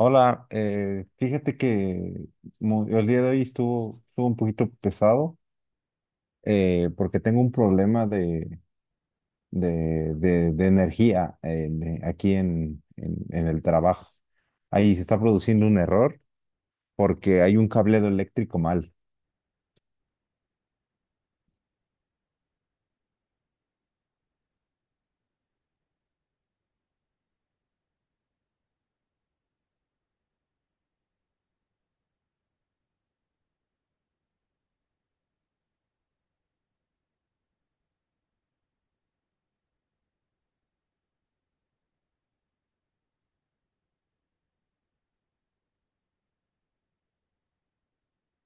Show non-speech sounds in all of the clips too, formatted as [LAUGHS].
Hola, fíjate que el día de hoy estuvo, estuvo un poquito pesado porque tengo un problema de energía aquí en el trabajo. Ahí se está produciendo un error porque hay un cableado eléctrico mal.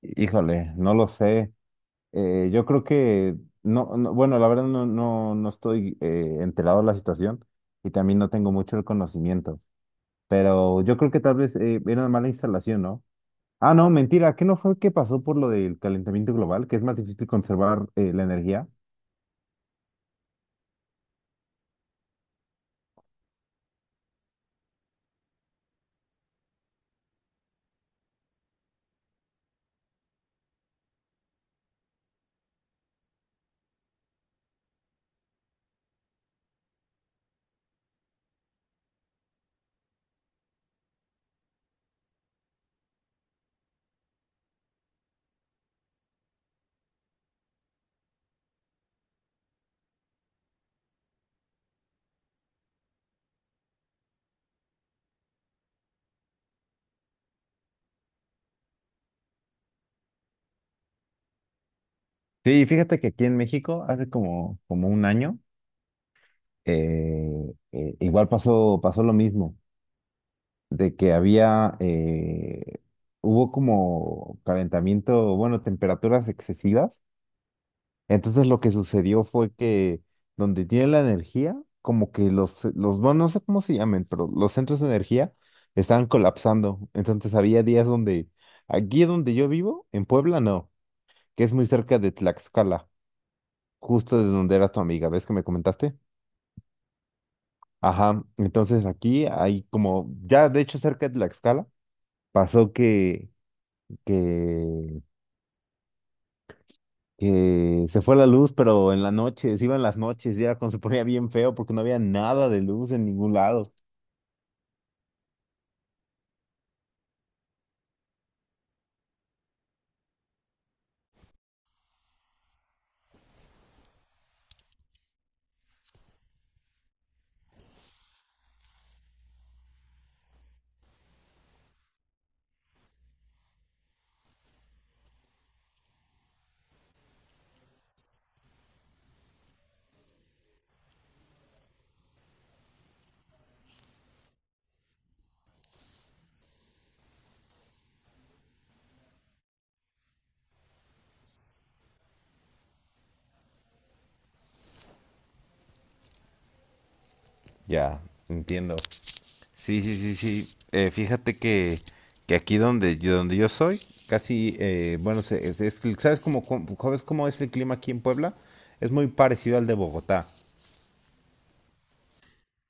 Híjole, no lo sé. Yo creo que, no, bueno, la verdad no, no, no estoy enterado de la situación y también no tengo mucho el conocimiento, pero yo creo que tal vez era una mala instalación, ¿no? Ah, no, mentira, ¿qué no fue que pasó por lo del calentamiento global, que es más difícil conservar la energía? Sí, fíjate que aquí en México hace como un año, igual pasó lo mismo, de que había, hubo como calentamiento, bueno, temperaturas excesivas. Entonces lo que sucedió fue que donde tiene la energía, como que bueno, no sé cómo se llamen, pero los centros de energía estaban colapsando. Entonces había días donde, aquí donde yo vivo, en Puebla no, que es muy cerca de Tlaxcala, justo desde donde era tu amiga, ¿ves que me comentaste? Ajá, entonces aquí hay como, ya de hecho cerca de Tlaxcala, pasó que, que que se fue la luz, pero en la noche, se iban las noches y era cuando se ponía bien feo porque no había nada de luz en ningún lado. Ya, entiendo. Sí, sí, sí, sí. Fíjate que aquí donde yo soy, casi, bueno, ¿sabes cómo, sabes cómo es el clima aquí en Puebla? Es muy parecido al de Bogotá.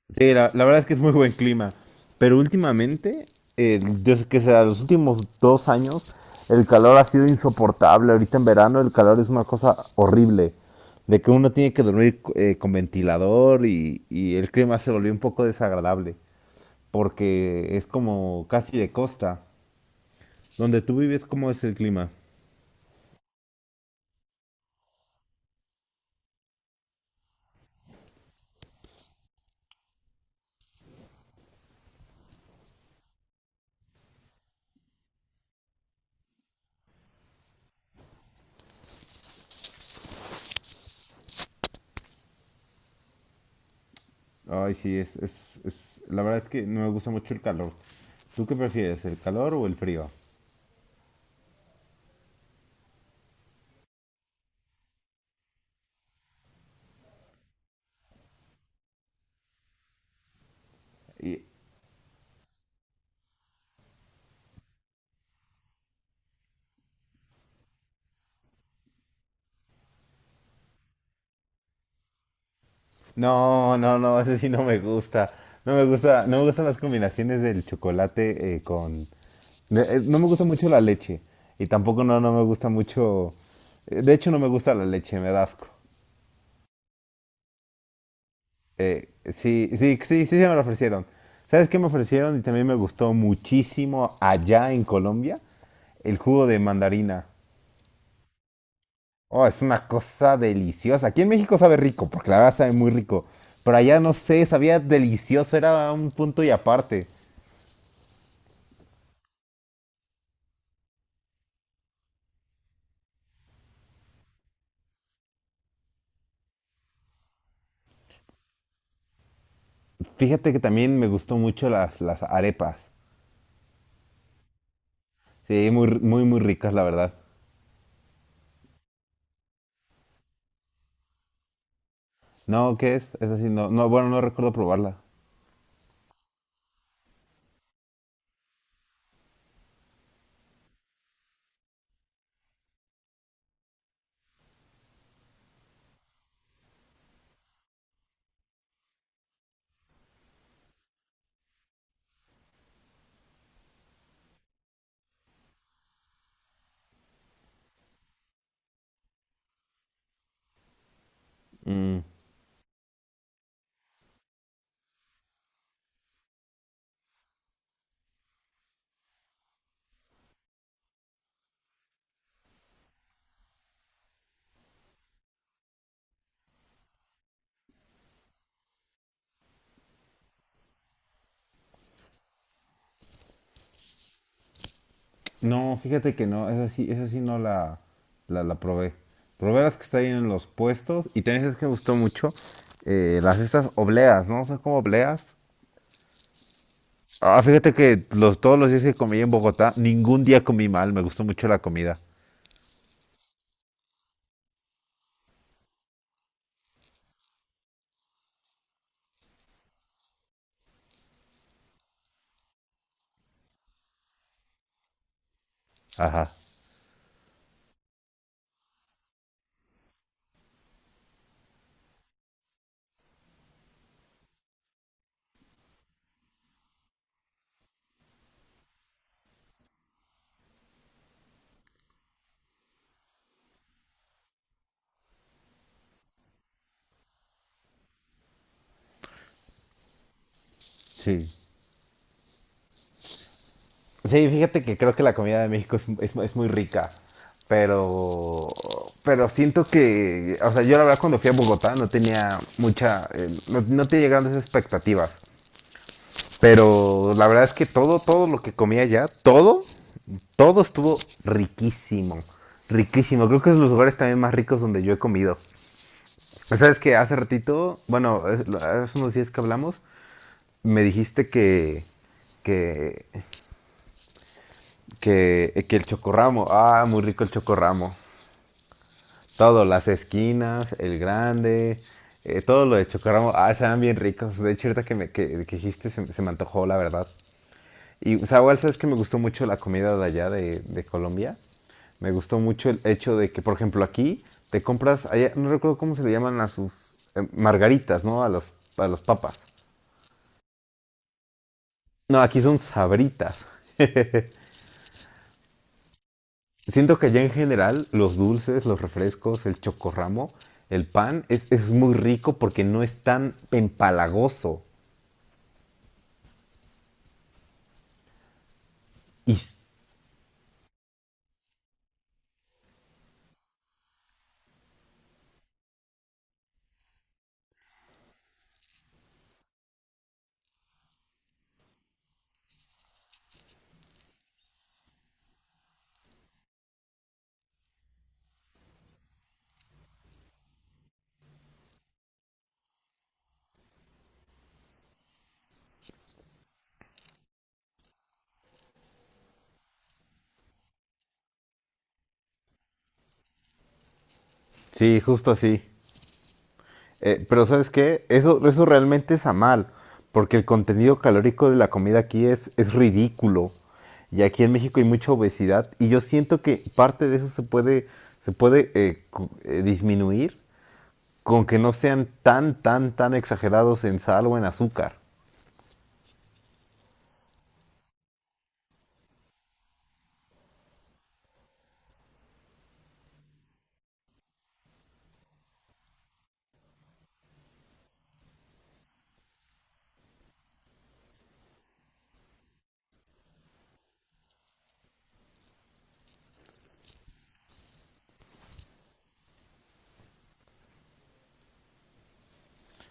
Sí, la verdad es que es muy buen clima. Pero últimamente, desde que sea los últimos 2 años, el calor ha sido insoportable. Ahorita en verano el calor es una cosa horrible. De que uno tiene que dormir con ventilador y el clima se volvió un poco desagradable. Porque es como casi de costa. Donde tú vives, ¿cómo es el clima? Ay, sí, la verdad es que no me gusta mucho el calor. ¿Tú qué prefieres, el calor o el frío? No, no, no, ese sí no me gusta. No me gusta, no me gustan las combinaciones del chocolate con... no me gusta mucho la leche. Y tampoco no, no me gusta mucho... de hecho, no me gusta la leche, me da asco. Sí, sí, sí, sí, se me lo ofrecieron. ¿Sabes qué me ofrecieron? Y también me gustó muchísimo allá en Colombia, el jugo de mandarina. Oh, es una cosa deliciosa. Aquí en México sabe rico, porque la verdad sabe muy rico. Pero allá no sé, sabía delicioso, era un punto y aparte. Fíjate que también me gustó mucho las arepas. Sí, muy, muy, muy ricas, la verdad. No, ¿qué es? Es así, no, no, bueno, no recuerdo probarla. Mm, no, fíjate que no, es así no la probé. Probé las que están ahí en los puestos y también es que me gustó mucho las estas obleas, ¿no? Son como obleas. Ah, fíjate que los, todos los días que comí en Bogotá, ningún día comí mal, me gustó mucho la comida. Ajá, sí. Sí, fíjate que creo que la comida de México es, es muy rica, pero, pero siento que, o sea, yo la verdad cuando fui a Bogotá no tenía mucha, no, no tenía grandes expectativas, pero la verdad es que todo, todo lo que comía allá, todo, todo estuvo riquísimo, riquísimo. Creo que es de los lugares también más ricos donde yo he comido. Sabes que hace ratito, bueno, hace unos días que hablamos, me dijiste que, que el chocorramo. Ah, muy rico el chocorramo. Todo, las esquinas, el grande, todo lo de chocorramo. Ah, se dan bien ricos. De hecho, ahorita que dijiste se me antojó, la verdad. Y, o sea, igual sabes que me gustó mucho la comida de allá de Colombia. Me gustó mucho el hecho de que, por ejemplo, aquí te compras, allá, no recuerdo cómo se le llaman a sus margaritas, ¿no? A a los papas. No, aquí son sabritas. [LAUGHS] Siento que ya en general los dulces, los refrescos, el chocorramo, el pan es muy rico porque no es tan empalagoso. Y s- Sí, justo así. Pero ¿sabes qué? Eso realmente es a mal, porque el contenido calórico de la comida aquí es ridículo. Y aquí en México hay mucha obesidad y yo siento que parte de eso se puede disminuir con que no sean tan, tan, tan exagerados en sal o en azúcar.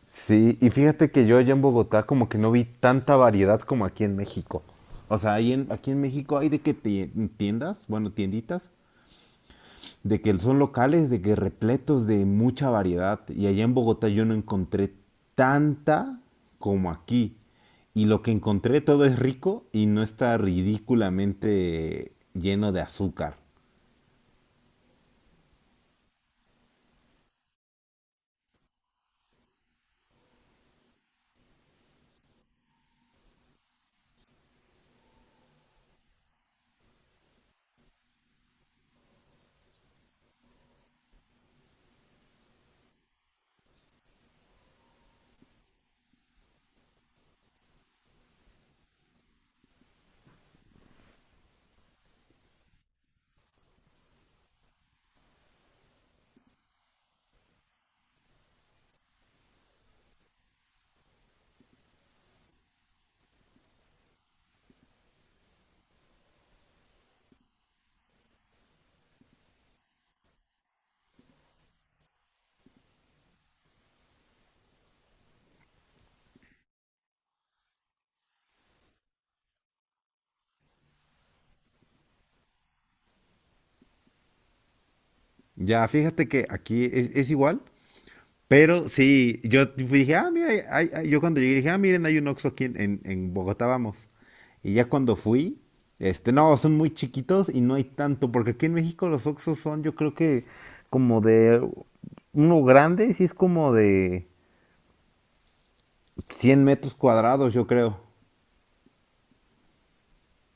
Sí, y fíjate que yo allá en Bogotá como que no vi tanta variedad como aquí en México. O sea, aquí en México hay de que tiendas, bueno, tienditas, de que son locales, de que repletos de mucha variedad. Y allá en Bogotá yo no encontré tanta como aquí. Y lo que encontré todo es rico y no está ridículamente lleno de azúcar. Ya, fíjate que aquí es igual, pero sí, yo dije, ah, mira, yo cuando llegué dije, ah, miren, hay un Oxxo aquí en, en Bogotá, vamos. Y ya cuando fui, este, no, son muy chiquitos y no hay tanto, porque aquí en México los Oxxos son, yo creo que como de uno grande, sí es como de 100 metros cuadrados, yo creo.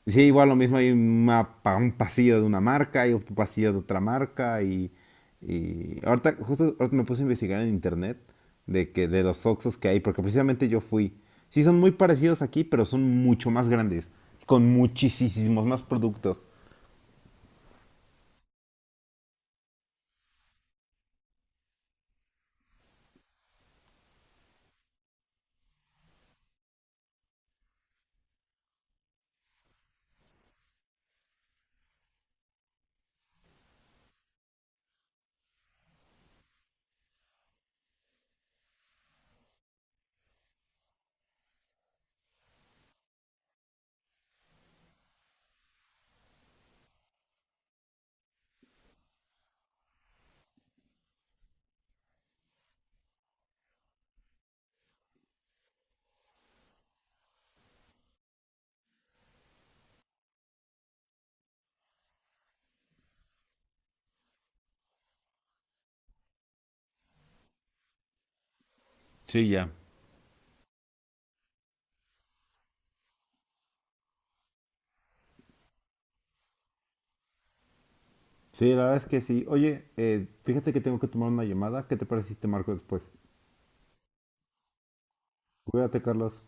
Sí, igual lo mismo hay una un pasillo de una marca y otro pasillo de otra marca y ahorita justo ahorita me puse a investigar en internet de que de los Oxxos que hay, porque precisamente yo fui. Sí, son muy parecidos aquí, pero son mucho más grandes, con muchísimos más productos. Sí, ya. Sí, la verdad es que sí. Oye, fíjate que tengo que tomar una llamada. ¿Qué te parece si te marco después? Cuídate, Carlos.